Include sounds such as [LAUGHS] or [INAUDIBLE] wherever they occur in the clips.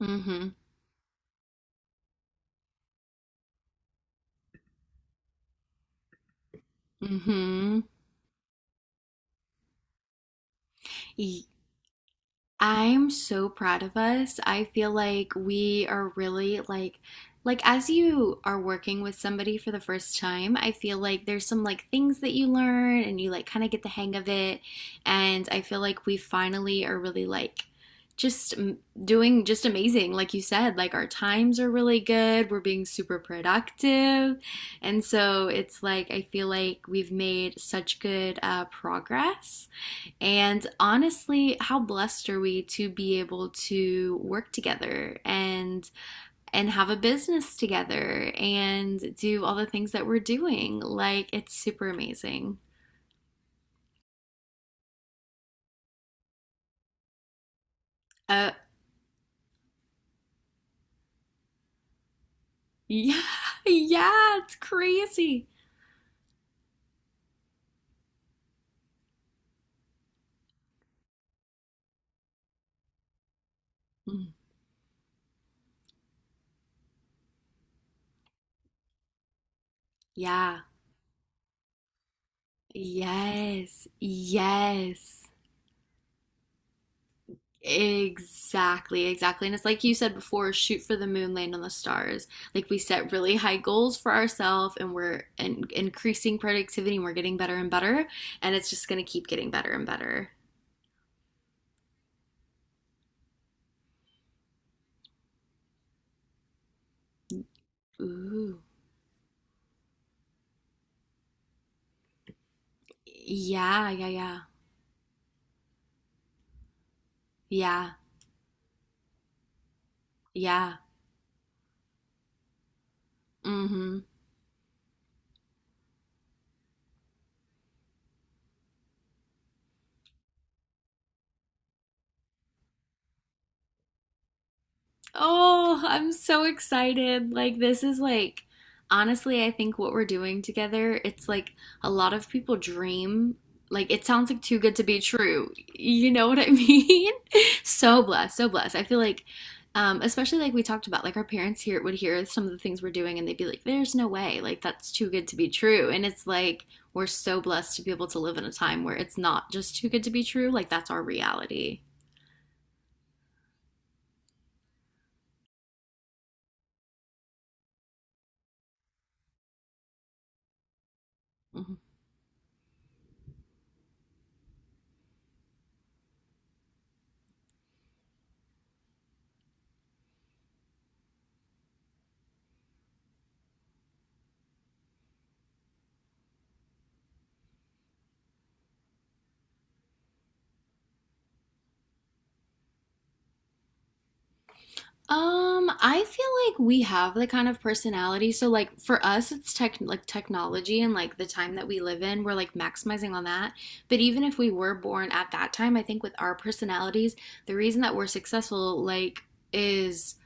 Mhm. Mhm. Y- I'm so proud of us. I feel like we are really like as you are working with somebody for the first time, I feel like there's some like things that you learn and you like kind of get the hang of it. And I feel like we finally are really like just m- doing just amazing like you said, like our times are really good, we're being super productive, and so it's like I feel like we've made such good progress. And honestly, how blessed are we to be able to work together and have a business together and do all the things that we're doing? Like, it's super amazing. Uh [LAUGHS] yeah, yeah, it's crazy. Mm, yeah. Yes. Yes. Exactly, exactly. And it's like you said before, shoot for the moon, land on the stars. Like, we set really high goals for ourselves and we're increasing productivity and we're getting better and better. And it's just going to keep getting better and better. Ooh. Yeah, yeah, yeah. Yeah, yeah. Mm-hmm. Oh, I'm so excited. Like, this is like, honestly, I think what we're doing together, it's like a lot of people dream. Like, it sounds like too good to be true. You know what I mean? [LAUGHS] So blessed, so blessed. I feel like, especially like we talked about, like our parents here would hear some of the things we're doing and they'd be like, there's no way. Like, that's too good to be true. And it's like, we're so blessed to be able to live in a time where it's not just too good to be true. Like, that's our reality. Mhm. I feel like we have the kind of personality. So like for us, it's technology and like the time that we live in, we're like maximizing on that. But even if we were born at that time, I think with our personalities, the reason that we're successful like is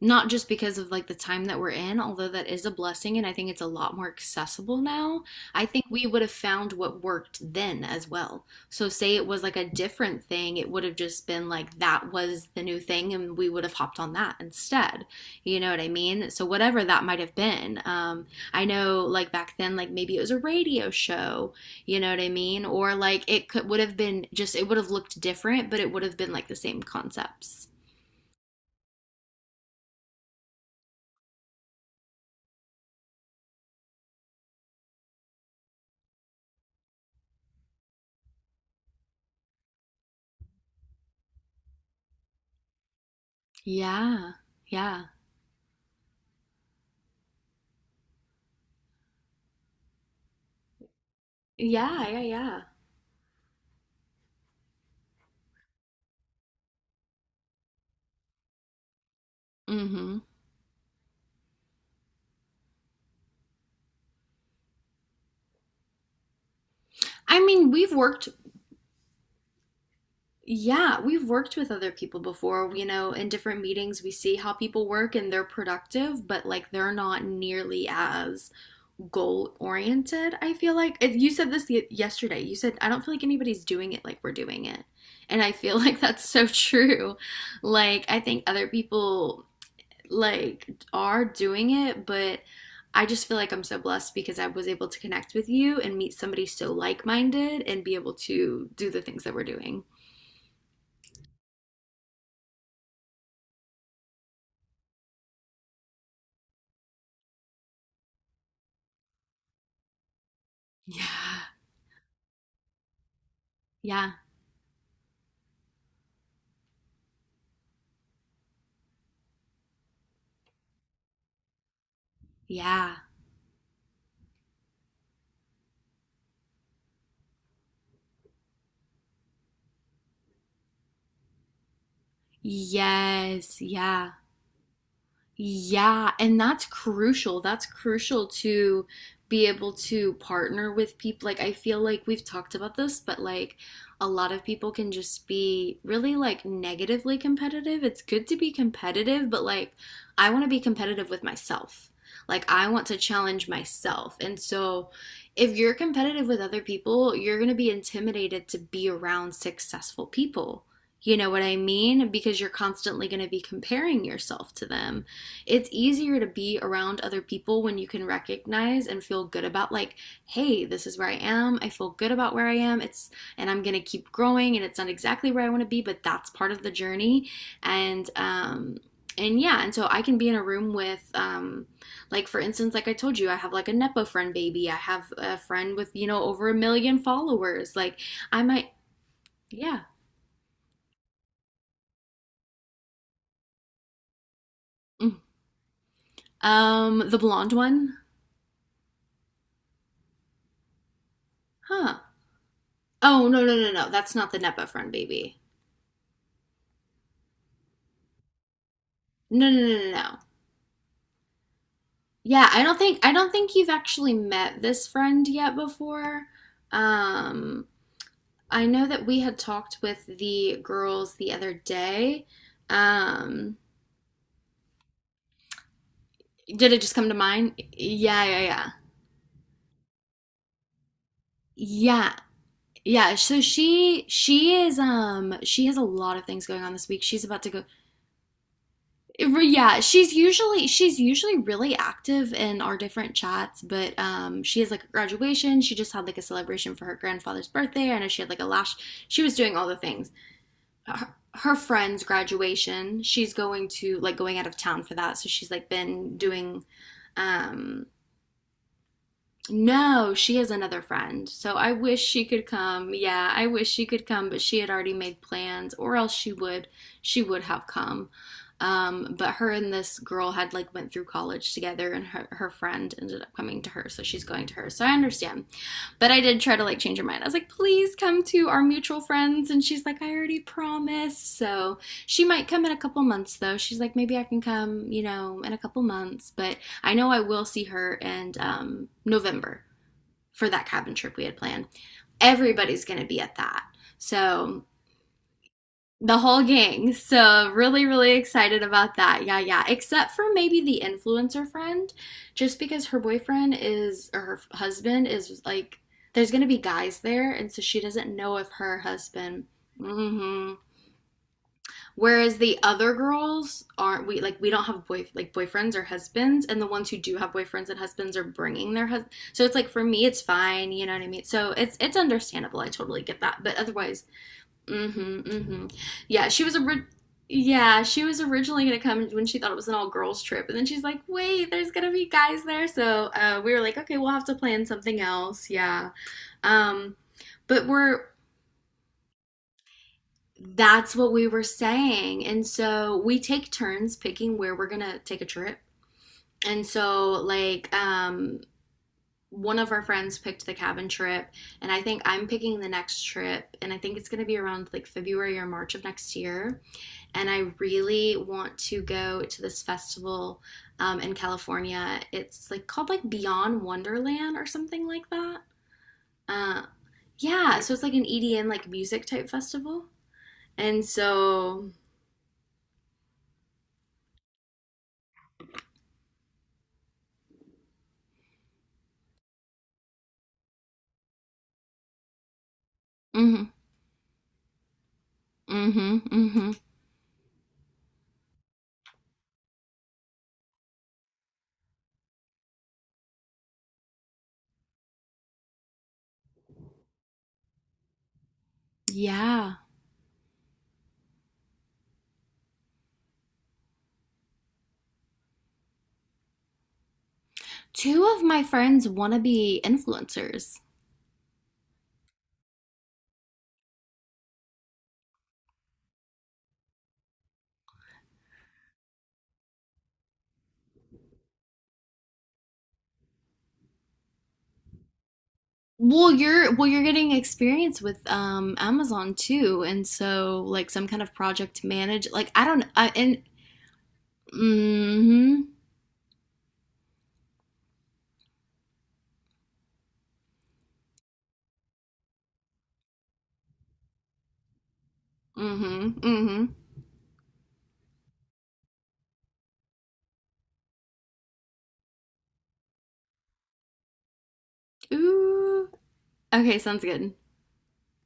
not just because of like the time that we're in, although that is a blessing, and I think it's a lot more accessible now. I think we would have found what worked then as well. So, say it was like a different thing, it would have just been like that was the new thing, and we would have hopped on that instead. You know what I mean? So, whatever that might have been, I know like back then, like maybe it was a radio show, you know what I mean? Or like it could would have been just, it would have looked different, but it would have been like the same concepts. Yeah, yeah. Yeah, yeah, yeah. Mm-hmm. I mean, we've worked, yeah, we've worked with other people before. You know, in different meetings, we see how people work and they're productive, but like they're not nearly as goal oriented. I feel like it, you said this yesterday. You said, I don't feel like anybody's doing it like we're doing it. And I feel [LAUGHS] like that's so true. Like, I think other people like are doing it, but I just feel like I'm so blessed because I was able to connect with you and meet somebody so like minded and be able to do the things that we're doing. Yeah. Yeah. Yeah. Yes. Yeah. Yeah, and that's crucial. That's crucial to be able to partner with people. Like, I feel like we've talked about this, but like a lot of people can just be really like negatively competitive. It's good to be competitive, but like I want to be competitive with myself. Like, I want to challenge myself. And so, if you're competitive with other people, you're going to be intimidated to be around successful people. You know what I mean? Because you're constantly going to be comparing yourself to them. It's easier to be around other people when you can recognize and feel good about like, hey, this is where I am. I feel good about where I am. It's and I'm gonna keep growing, and it's not exactly where I want to be, but that's part of the journey. And and yeah, and so I can be in a room with like, for instance, like I told you, I have like a nepo friend baby. I have a friend with, you know, over a million followers, like I might, yeah. Mm. Um, the blonde one. Huh? Oh, no, no, no, no, that's not the nepo friend baby. No, no, no, no, no. Yeah, I don't think, I don't think you've actually met this friend yet before. Um, I know that we had talked with the girls the other day. Um, did it just come to mind? Yeah, yeah, yeah. Yeah. Yeah, so she is, um, she has a lot of things going on this week. She's about to go. Yeah, she's usually really active in our different chats, but um, she has like a graduation, she just had like a celebration for her grandfather's birthday, I know she had like a lash, she was doing all the things. Her friend's graduation, she's going to, like, going out of town for that, so she's like been doing, um, no, she has another friend. So I wish she could come. Yeah, I wish she could come, but she had already made plans or else she would, she would have come. But her and this girl had like went through college together and her friend ended up coming to her, so she's going to her. So I understand. But I did try to like change her mind. I was like, please come to our mutual friends, and she's like, I already promised. So she might come in a couple months though. She's like, maybe I can come, you know, in a couple months, but I know I will see her in November for that cabin trip we had planned. Everybody's going to be at that. So the whole gang. So really, really excited about that. Yeah, yeah. Except for maybe the influencer friend, just because her boyfriend is or her husband is like there's gonna be guys there, and so she doesn't know if her husband. Hmm. Whereas the other girls aren't, we like, we don't have boy like boyfriends or husbands, and the ones who do have boyfriends and husbands are bringing their husband. So it's like for me, it's fine, you know what I mean. So it's understandable. I totally get that. But otherwise, mm-hmm, mm-hmm. Yeah, she was a. Yeah, she was originally gonna come when she thought it was an all girls trip, and then she's like, "Wait, there's gonna be guys there." So we were like, "Okay, we'll have to plan something else." Yeah, um, but we're that's what we were saying. And so we take turns picking where we're gonna take a trip. And so like, um, one of our friends picked the cabin trip, and I think I'm picking the next trip, and I think it's going to be around like February or March of next year, and I really want to go to this festival, in California. It's like called like Beyond Wonderland or something like that. uh yeah, so it's like an EDM like music type festival, and so mhm. Mm-hmm. Mm-hmm. Yeah. Two of my friends want to be influencers. Well, you're getting experience with um, Amazon too, and so like some kind of project manage. Like I don't. I, and mm-hmm. Mm-hmm. Mm-hmm. Ooh. Okay, sounds good.